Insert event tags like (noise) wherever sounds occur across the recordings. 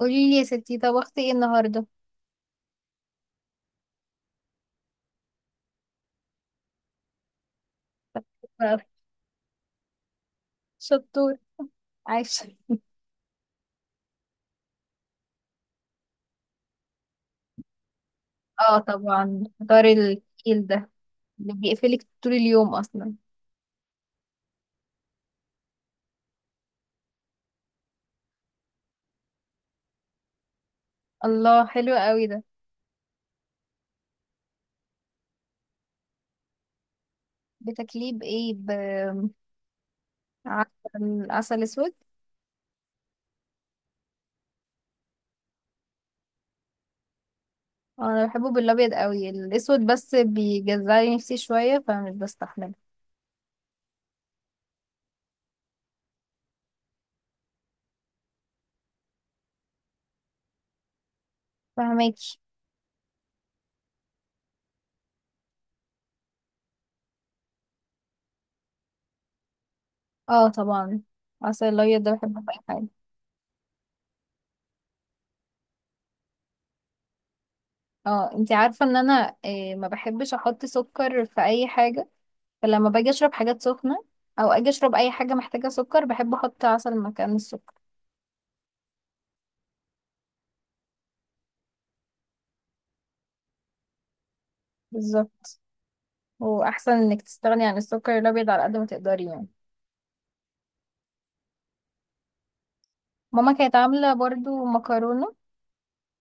قولي لي يا ستي، طبختي ايه النهارده؟ بقى. شطور. عايشة. اه، طبعا فطار التقيل ده اللي بيقفلك طول اليوم اصلا. الله، حلو قوي ده. بتاكليه بايه؟ بعسل؟ عسل اسود؟ انا بحبه بالابيض قوي، الاسود بس بيجزعلي نفسي شويه فمش بستحمله. فهماكي. اه طبعا. عسل الابيض ده بحبه في اي حاجه. اه، انتي عارفه ان انا ما بحبش احط سكر في اي حاجه. فلما باجي اشرب حاجات سخنة او اجي اشرب اي حاجة محتاجة سكر، بحب احط عسل مكان السكر. بالظبط. واحسن انك تستغني عن السكر الابيض على قد ما تقدري يعني. ماما كانت عاملة برضو مكرونة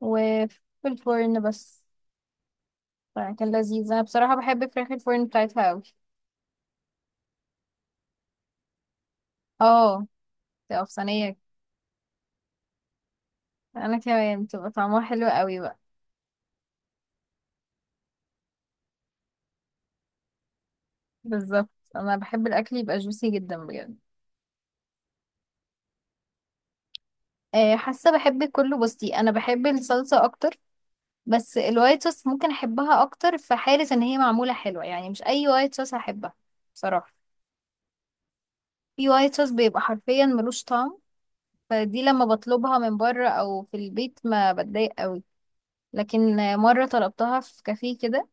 وفي الفرن بس، فكان لذيذ. انا بصراحة بحب فراخ الفرن بتاعتها اوي. اه، تبقى في صينية. انا كمان، بتبقى طعمها حلو اوي بقى. بالظبط. انا بحب الاكل يبقى جوسي جدا بجد. حاسة بحب كله، بصي انا بحب الصلصة اكتر، بس الوايت صوص ممكن احبها اكتر في حالة ان هي معمولة حلوة. يعني مش اي وايت صوص هحبها بصراحة. في وايت صوص بيبقى حرفيا ملوش طعم، فدي لما بطلبها من بره او في البيت ما بتضايق قوي. لكن مرة طلبتها في كافيه كده،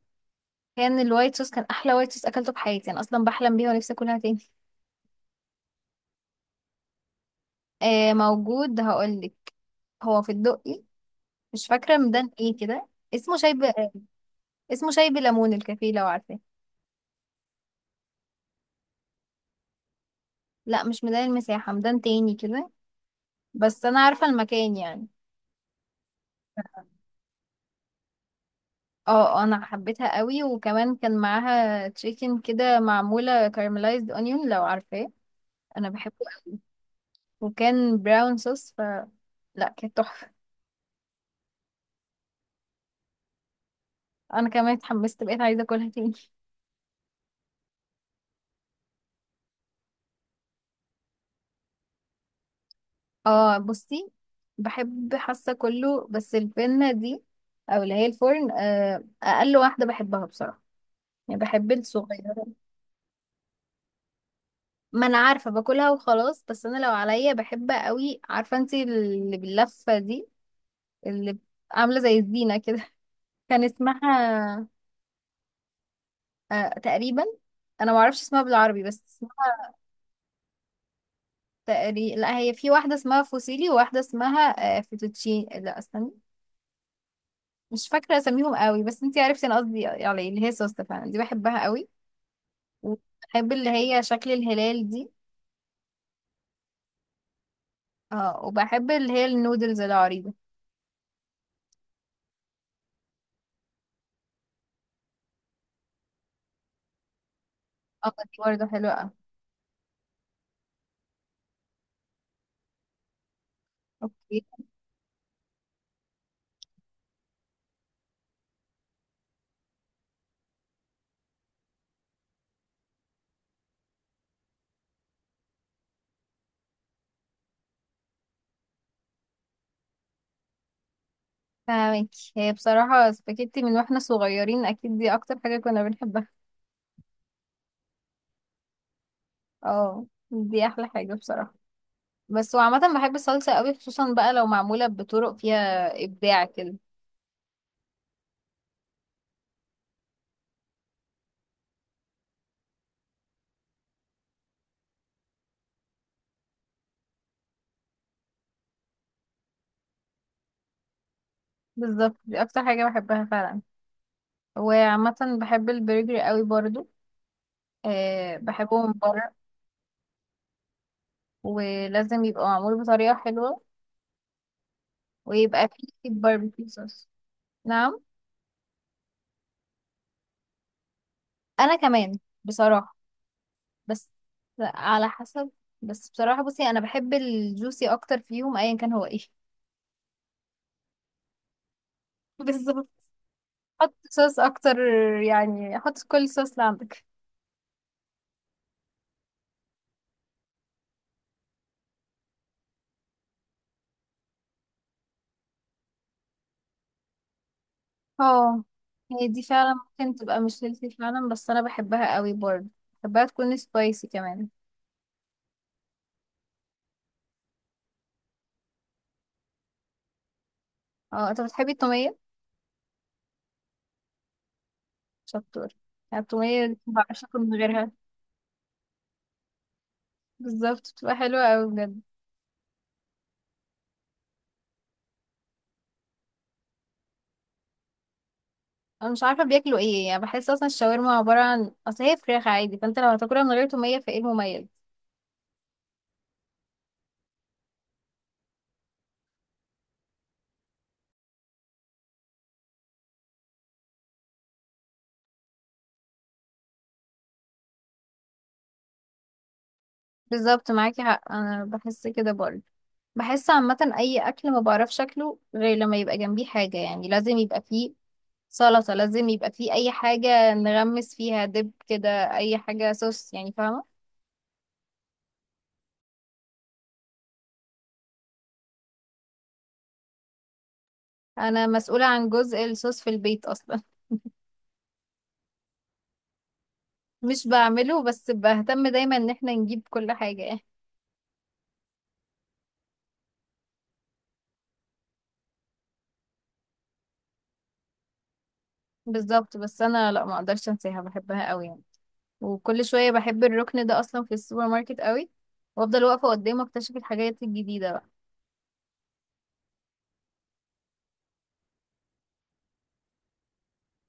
كان الوايت صوص كان احلى وايت صوص اكلته في حياتي. انا اصلا بحلم بيها ونفسي اكلها تاني. آه، موجود، هقولك. هو في الدقي، مش فاكرة ميدان ايه كده. اسمه شاي ب... اسمه شاي بليمون، الكافيه لو عارفاه. لا، مش ميدان المساحة، ميدان تاني كده. بس انا عارفة المكان يعني. اه. انا حبيتها قوي، وكمان كان معاها تشيكن كده معمولة كارملايزد اونيون لو عارفاه. انا بحبه أوي. وكان براون صوص لا، كانت تحفة. انا كمان اتحمست، بقيت عايزة اكلها تاني. (laughs) اه، بصي، بحب حاسة كله، بس البنة دي، او اللي هي الفرن اقل واحدة بحبها بصراحة. يعني بحب الصغيرة. ما انا عارفة باكلها وخلاص، بس انا لو عليا بحب قوي. عارفة انتي اللي باللفة دي اللي عاملة زي الزينة كده؟ (laughs) كان اسمها آه، تقريبا. انا ما اعرفش اسمها بالعربي بس اسمها تقريبا. لا، هي في واحدة اسمها فوسيلي، وواحدة اسمها فيتوتشين، لا استني، مش فاكرة اساميهم قوي. بس انتي عرفتي انا قصدي على ايه، اللي هي سوستة فعلا، دي بحبها قوي. وبحب اللي هي شكل الهلال دي. اه، وبحب اللي هي النودلز العريضة. اه دي برضه حلوة قوي. اوكي. فاهمكي، هي بصراحة سباجيتي من واحنا صغيرين، اكيد دي اكتر حاجة كنا بنحبها. اه دي احلى حاجة بصراحة. بس وعامة بحب الصلصة قوي، خصوصا بقى لو معمولة بطرق فيها إبداع كده. بالظبط، دي أكتر حاجة بحبها فعلا. وعامة بحب البرجر قوي برضو. أه بحبه من بره، ولازم يبقى معمول بطريقة حلوة، ويبقى فيه باربيكيو صوص. نعم. أنا كمان بصراحة، بس على حسب. بس بصراحة بصي، أنا بحب الجوسي أكتر فيهم أيا كان هو إيه. (laughs) بالظبط. حط صوص أكتر، يعني حط كل صوص اللي عندك. اه، هي دي فعلا ممكن تبقى مشكلتي فعلا، بس انا بحبها قوي برضه. بحبها تكون سبايسي كمان. اه، انت بتحبي التومية. شطور. يعني التومية دي ما بعرفش اكل من غيرها. بالظبط، بتبقى حلوة قوي بجد. انا مش عارفة بياكلوا ايه يعني، بحس اصلا الشاورما عبارة عن اصل هي فراخ عادي. فانت لو هتاكلها من غير تومية، فايه المميز؟ بالظبط، معاكي حق، انا بحس كده برضه. بحس عامة اي اكل ما بعرفش اكله غير لما يبقى جنبيه حاجة، يعني لازم يبقى فيه سلطة، لازم يبقى فيه أي حاجة نغمس فيها دب كده، أي حاجة صوص يعني، فاهمة. أنا مسؤولة عن جزء الصوص في البيت أصلا. (laughs) مش بعمله، بس بهتم دايما إن احنا نجيب كل حاجة يعني. بالظبط، بس أنا لأ، ما أقدرش أنساها، بحبها قوي يعني. وكل شوية بحب الركن ده أصلا في السوبر ماركت قوي، وأفضل واقفة قدامه أكتشف الحاجات الجديدة بقى.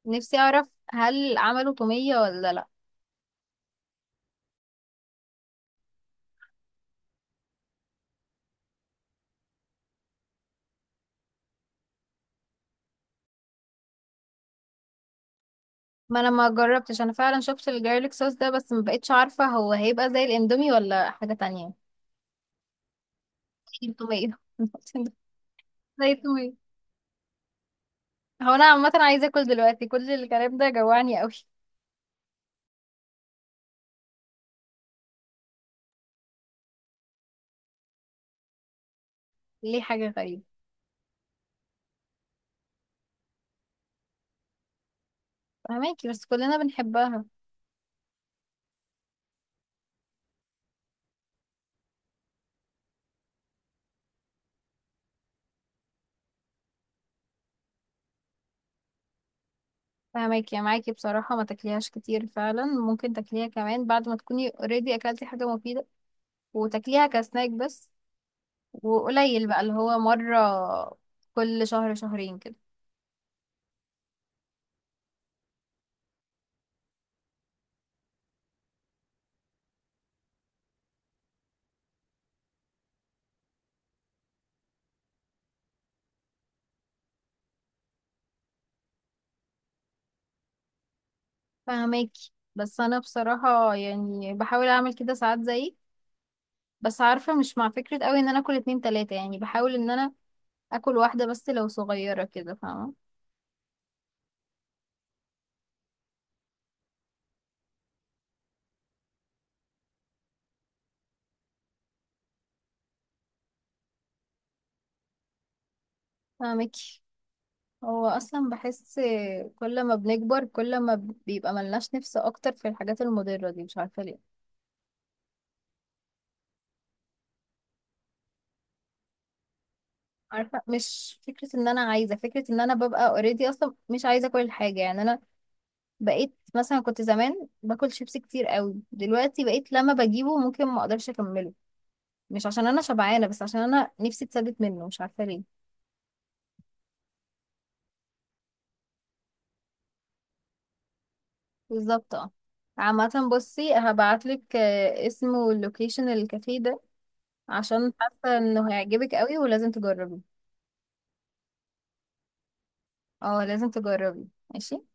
نفسي أعرف هل عملوا تومية ولا لأ. ما انا ما جربتش، انا فعلا شفت الجارليك صوص ده بس ما بقتش عارفه هو هيبقى زي الاندومي ولا حاجه تانية. اكيد تومية. (laughs) زي التومية. هو انا عامة عايزة اكل دلوقتي، كل الكلام ده جوعني قوي. ليه حاجة غريبة؟ فهماكي بس كلنا بنحبها. فهماكي، يا معاكي بصراحة، ما تاكليهاش كتير فعلا، ممكن تاكليها كمان بعد ما تكوني اوريدي اكلتي حاجة مفيدة، وتاكليها كسناك بس، وقليل بقى اللي هو مرة كل شهر شهرين كده. فهماكي، بس انا بصراحة يعني بحاول اعمل كده ساعات زيك، بس عارفة مش مع فكرة قوي ان انا اكل اتنين تلاتة. يعني بحاول ان انا اكل واحدة بس لو صغيرة كده، فاهمة. فاهمك. هو اصلا بحس، كل ما بنكبر كل ما بيبقى ملناش نفس اكتر في الحاجات المضرة دي، مش عارفة ليه. عارفة، مش فكرة ان انا عايزة، فكرة ان انا ببقى اوريدي اصلا مش عايزة كل حاجة يعني. انا بقيت مثلا، كنت زمان باكل شيبسي كتير قوي، دلوقتي بقيت لما بجيبه ممكن ما اقدرش اكمله. مش عشان انا شبعانة، بس عشان انا نفسي اتثبت منه، مش عارفة ليه. بالظبط. اه، عامة بصي هبعتلك اسمه اللوكيشن الكافيه ده، عشان حاسة انه هيعجبك قوي ولازم تجربي. اه لازم تجربي. ماشي.